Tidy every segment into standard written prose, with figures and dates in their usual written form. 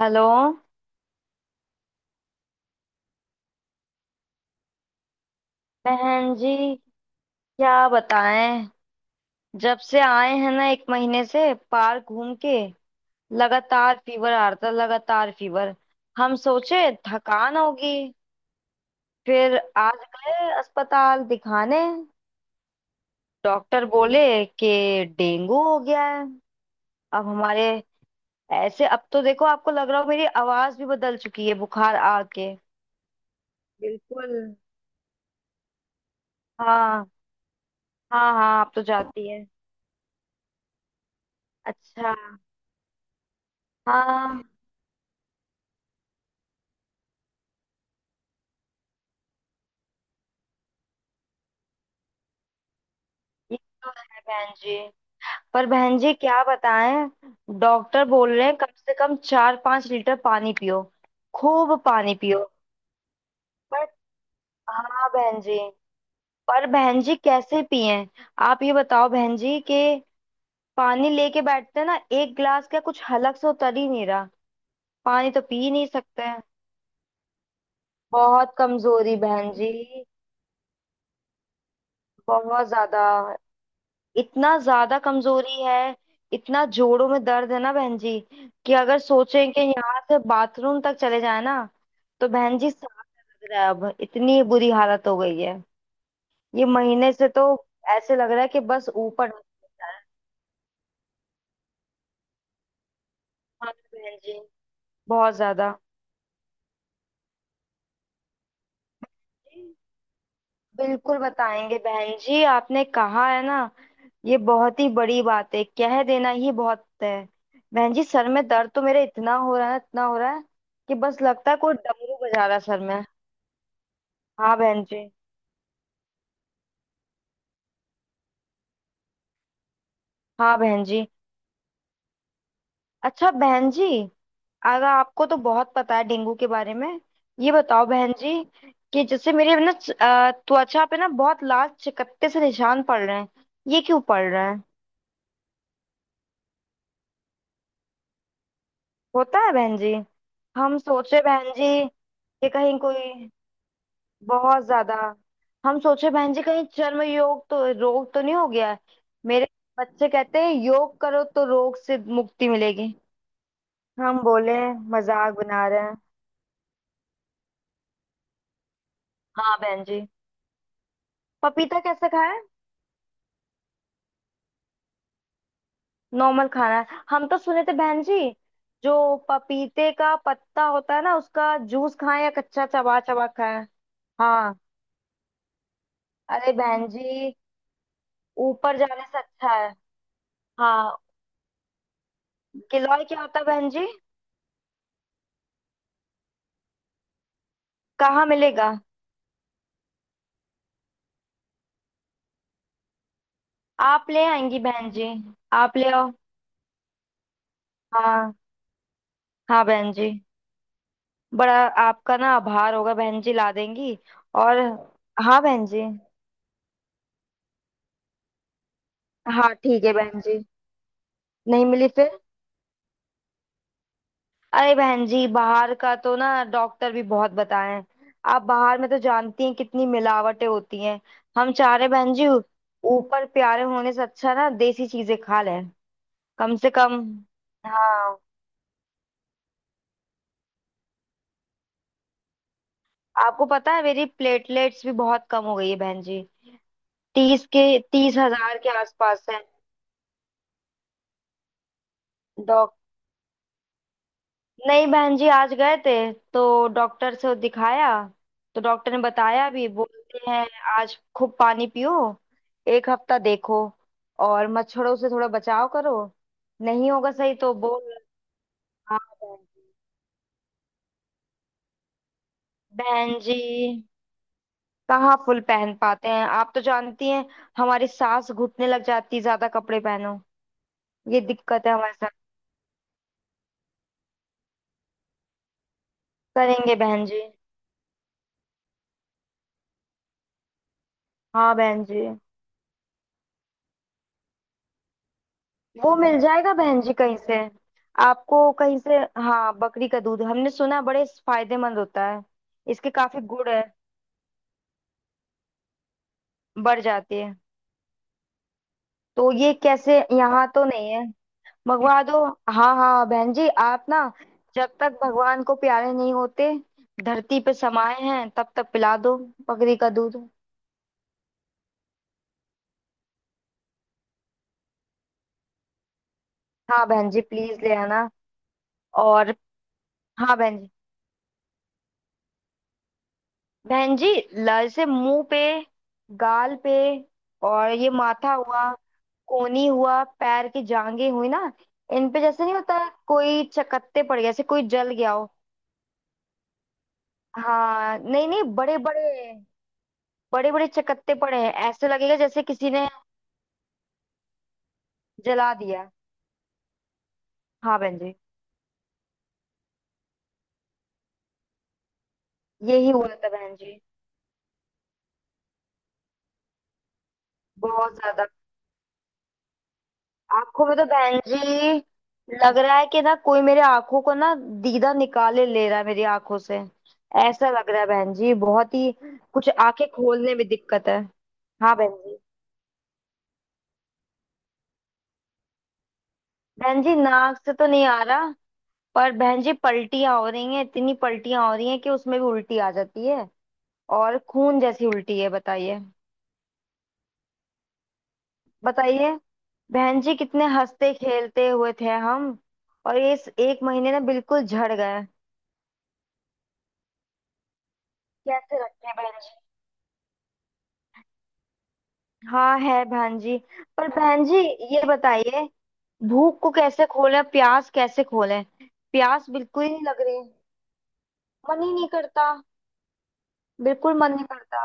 Hello. बहन जी, क्या बताएं। जब से आए हैं ना, 1 महीने से पार्क घूम के लगातार फीवर आ रहा था, लगातार फीवर। हम सोचे थकान होगी। फिर आज गए अस्पताल दिखाने। डॉक्टर बोले कि डेंगू हो गया है। अब हमारे, ऐसे अब तो देखो, आपको लग रहा हो मेरी आवाज भी बदल चुकी है बुखार आके। बिल्कुल। हाँ, हाँ हाँ, आप तो जाती है। अच्छा। हाँ। ये तो है बहन जी। पर बहन जी, क्या बताएं। डॉक्टर बोल रहे हैं कम से कम 4-5 लीटर पानी पियो, खूब पानी पियो। पर, हाँ बहन जी। पर बहन जी, कैसे पिएं। आप ये बताओ बहन जी कि पानी लेके बैठते हैं ना, 1 गिलास का कुछ हलक से उतर ही नहीं रहा। पानी तो पी ही नहीं सकते हैं। बहुत कमजोरी बहन जी, बहुत ज्यादा। इतना ज्यादा कमजोरी है। इतना जोड़ों में दर्द है ना बहन जी कि अगर सोचें कि यहाँ से बाथरूम तक चले जाए ना, तो बहन जी सांस, लग रहा है अब। इतनी बुरी हालत हो गई है ये महीने से तो। ऐसे लग रहा है कि बस ऊपर ना चले जाए। हाँ बहन जी, बहुत ज्यादा। बिल्कुल बताएंगे बहन जी, आपने कहा है ना। ये बहुत ही बड़ी बात है, कह देना ही बहुत है। बहन जी सर में दर्द तो मेरे इतना हो रहा है, इतना हो रहा है कि बस लगता है कोई डमरू बजा रहा है सर में। हाँ बहन जी। हाँ बहन जी। अच्छा बहन जी, अगर आपको तो बहुत पता है डेंगू के बारे में। ये बताओ बहन जी कि जैसे मेरे ना त्वचा पे ना बहुत लाल चकत्ते से निशान पड़ रहे हैं। ये क्यों पड़ रहे हैं। होता है बहन जी। हम सोचे बहन जी कि कहीं कोई बहुत ज्यादा। हम सोचे बहन जी कहीं चर्म योग तो, रोग तो नहीं हो गया है। मेरे बच्चे कहते हैं योग करो तो रोग से मुक्ति मिलेगी। हम बोले मजाक बना रहे हैं। हाँ बहन जी। पपीता कैसे खाए। नॉर्मल खाना है। हम तो सुने थे बहन जी, जो पपीते का पत्ता होता है ना उसका जूस खाएं, या कच्चा चबा चबा खाएं। हाँ। अरे बहन जी, ऊपर जाने से अच्छा है। हाँ। गिलोय क्या होता है बहन जी। कहाँ मिलेगा। आप ले आएंगी बहन जी। आप ले आओ। हाँ हाँ बहन जी। बड़ा आपका ना आभार होगा बहन जी, ला देंगी। और, हाँ बहन जी। हाँ ठीक है बहन जी। नहीं मिली फिर। अरे बहन जी, बाहर का तो ना डॉक्टर भी बहुत बताए हैं। आप बाहर में तो जानती हैं कितनी मिलावटें होती हैं। हम चाह रहे बहन जी, ऊपर प्यारे होने से अच्छा ना देसी चीजें खा लें कम से कम। हाँ। आपको पता है मेरी प्लेटलेट्स भी बहुत कम हो गई है बहन जी। तीस के, 30 हजार के आसपास है। डॉक नहीं बहन जी, आज गए थे। तो डॉक्टर से दिखाया। तो डॉक्टर ने बताया भी, बोलते हैं आज खूब पानी पियो, 1 हफ्ता देखो, और मच्छरों से थोड़ा बचाव करो, नहीं होगा सही तो बोल। हाँ बहन जी। बहन जी कहाँ फुल पहन पाते हैं, आप तो जानती हैं। हमारी सांस घुटने लग जाती है ज्यादा कपड़े पहनो। ये दिक्कत है हमारे साथ। करेंगे बहन जी। हाँ बहन जी, वो मिल जाएगा बहन जी कहीं से। आपको कहीं से। हाँ बकरी का दूध हमने सुना है बड़े फायदेमंद होता है। इसके काफी गुण है। बढ़ जाती है। तो ये कैसे, यहाँ तो नहीं है। मंगवा दो। हाँ हाँ बहन जी। आप ना, जब तक भगवान को प्यारे नहीं होते, धरती पे समाये हैं तब तक पिला दो बकरी का दूध। हाँ बहन जी, प्लीज ले आना। और, हाँ बहन जी। बहन जी, ल से मुंह पे, गाल पे, और ये माथा हुआ, कोहनी हुआ, पैर की जांघें हुई ना। इन पे जैसे नहीं होता, कोई चकत्ते पड़ गए जैसे कोई जल गया हो। हाँ नहीं नहीं, बड़े बड़े, बड़े बड़े चकत्ते पड़े हैं। ऐसे लगेगा जैसे किसी ने जला दिया। हाँ बहन जी, यही हुआ था बहन जी। बहुत ज्यादा। आंखों में तो बहन जी, लग रहा है कि ना कोई मेरे आंखों को ना दीदा निकाले ले रहा है मेरी आंखों से। ऐसा लग रहा है बहन जी, बहुत ही। कुछ आंखें खोलने में दिक्कत है। हाँ बहन जी। बहन जी नाक से तो नहीं आ रहा, पर बहन जी पलटियां हो रही हैं, इतनी पलटियां हो रही हैं कि उसमें भी उल्टी आ जाती है। और खून जैसी उल्टी है, बताइए। बताइए बहन जी, कितने हंसते खेलते हुए थे हम। और ये इस 1 महीने ना बिल्कुल झड़ गए। कैसे रखें बहन। हाँ है बहन जी। पर बहन जी ये बताइए, भूख को कैसे खोलें, प्यास कैसे खोलें। प्यास बिल्कुल ही नहीं लग रही। मन ही नहीं करता। बिल्कुल मन नहीं करता।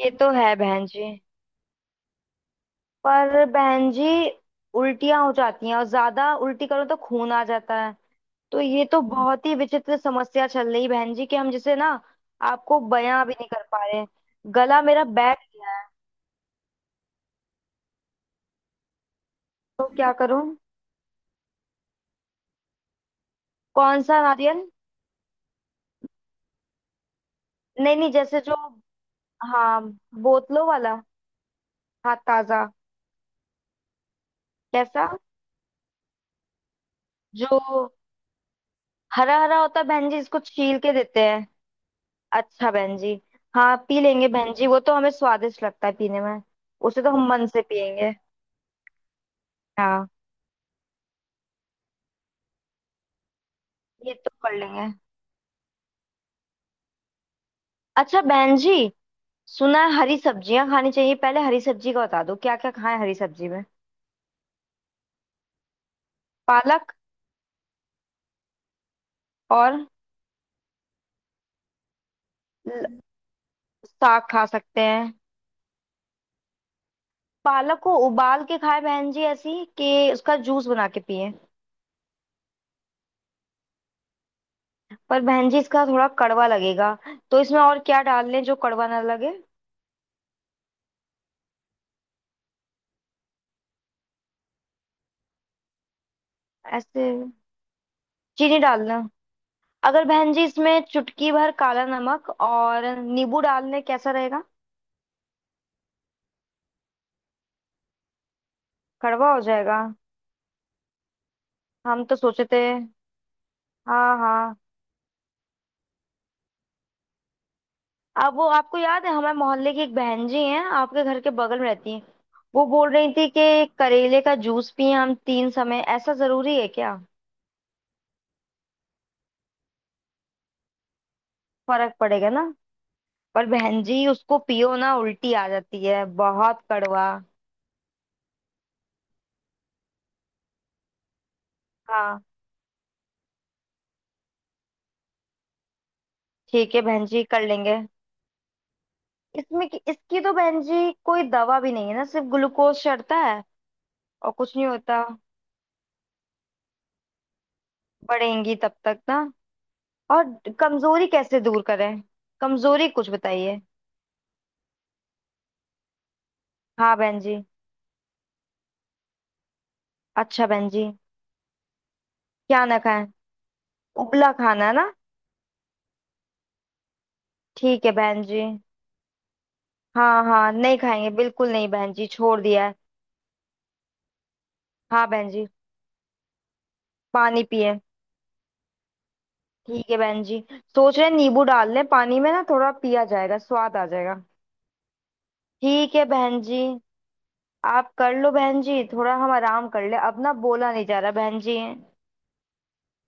ये तो है बहन जी। पर बहन जी, उल्टियां हो जाती हैं, और ज्यादा उल्टी करो तो खून आ जाता है। तो ये तो बहुत ही विचित्र समस्या चल रही बहन जी कि हम जिसे ना आपको बयां भी नहीं कर पा रहे। गला मेरा बैठ गया है। तो क्या करूं। कौन सा नारियल। नहीं नहीं, जैसे जो, हाँ बोतलों वाला। हाँ ताजा। कैसा, जो हरा हरा होता है बहन जी, इसको छील के देते हैं। अच्छा बहन जी। हाँ पी लेंगे बहन जी, वो तो हमें स्वादिष्ट लगता है पीने में। उसे तो हम मन से पियेंगे। हाँ। ये तो कर लेंगे। अच्छा बहन जी, सुना है हरी सब्जियां खानी चाहिए। पहले हरी सब्जी का बता दो, क्या क्या खाएं हरी सब्जी में। पालक। और ल- साग खा सकते हैं। पालक को उबाल के खाएं बहन जी, ऐसी कि उसका जूस बना के पिए। पर बहन जी इसका थोड़ा कड़वा लगेगा। तो इसमें और क्या डाल लें जो कड़वा ना लगे। ऐसे चीनी डालना। अगर बहन जी इसमें चुटकी भर काला नमक और नींबू डाल लें, कैसा रहेगा। कड़वा हो जाएगा। हम तो सोचे थे। हाँ हाँ। अब वो आपको याद है हमारे मोहल्ले की एक बहन जी हैं, आपके घर के बगल में रहती हैं, वो बोल रही थी कि करेले का जूस पिए हम 3 समय। ऐसा जरूरी है क्या। फर्क पड़ेगा ना। पर बहन जी उसको पियो ना उल्टी आ जाती है, बहुत कड़वा। हाँ ठीक है बहन जी, कर लेंगे। इसकी तो बहन जी कोई दवा भी नहीं है ना, सिर्फ ग्लूकोज चढ़ता है और कुछ नहीं होता। बढ़ेंगी तब तक ना। और कमजोरी कैसे दूर करें, कमजोरी कुछ बताइए। हाँ बहन जी। अच्छा बहन जी, क्या ना खाएं। उबला खाना है ना। ठीक है बहन जी। हाँ हाँ नहीं खाएंगे बिल्कुल नहीं बहन जी, छोड़ दिया है। हाँ बहन जी, पानी पिए। ठीक है बहन जी। सोच रहे हैं नींबू डाल लें पानी में ना, थोड़ा पिया जाएगा, स्वाद आ जाएगा। ठीक है बहन जी। आप कर लो बहन जी, थोड़ा हम आराम कर ले, अब ना बोला नहीं जा रहा बहन जी।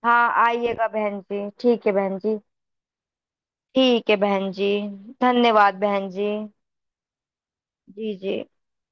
हाँ आइएगा बहन जी, ठीक है बहन जी। ठीक है बहन जी। धन्यवाद बहन जी। जी जी।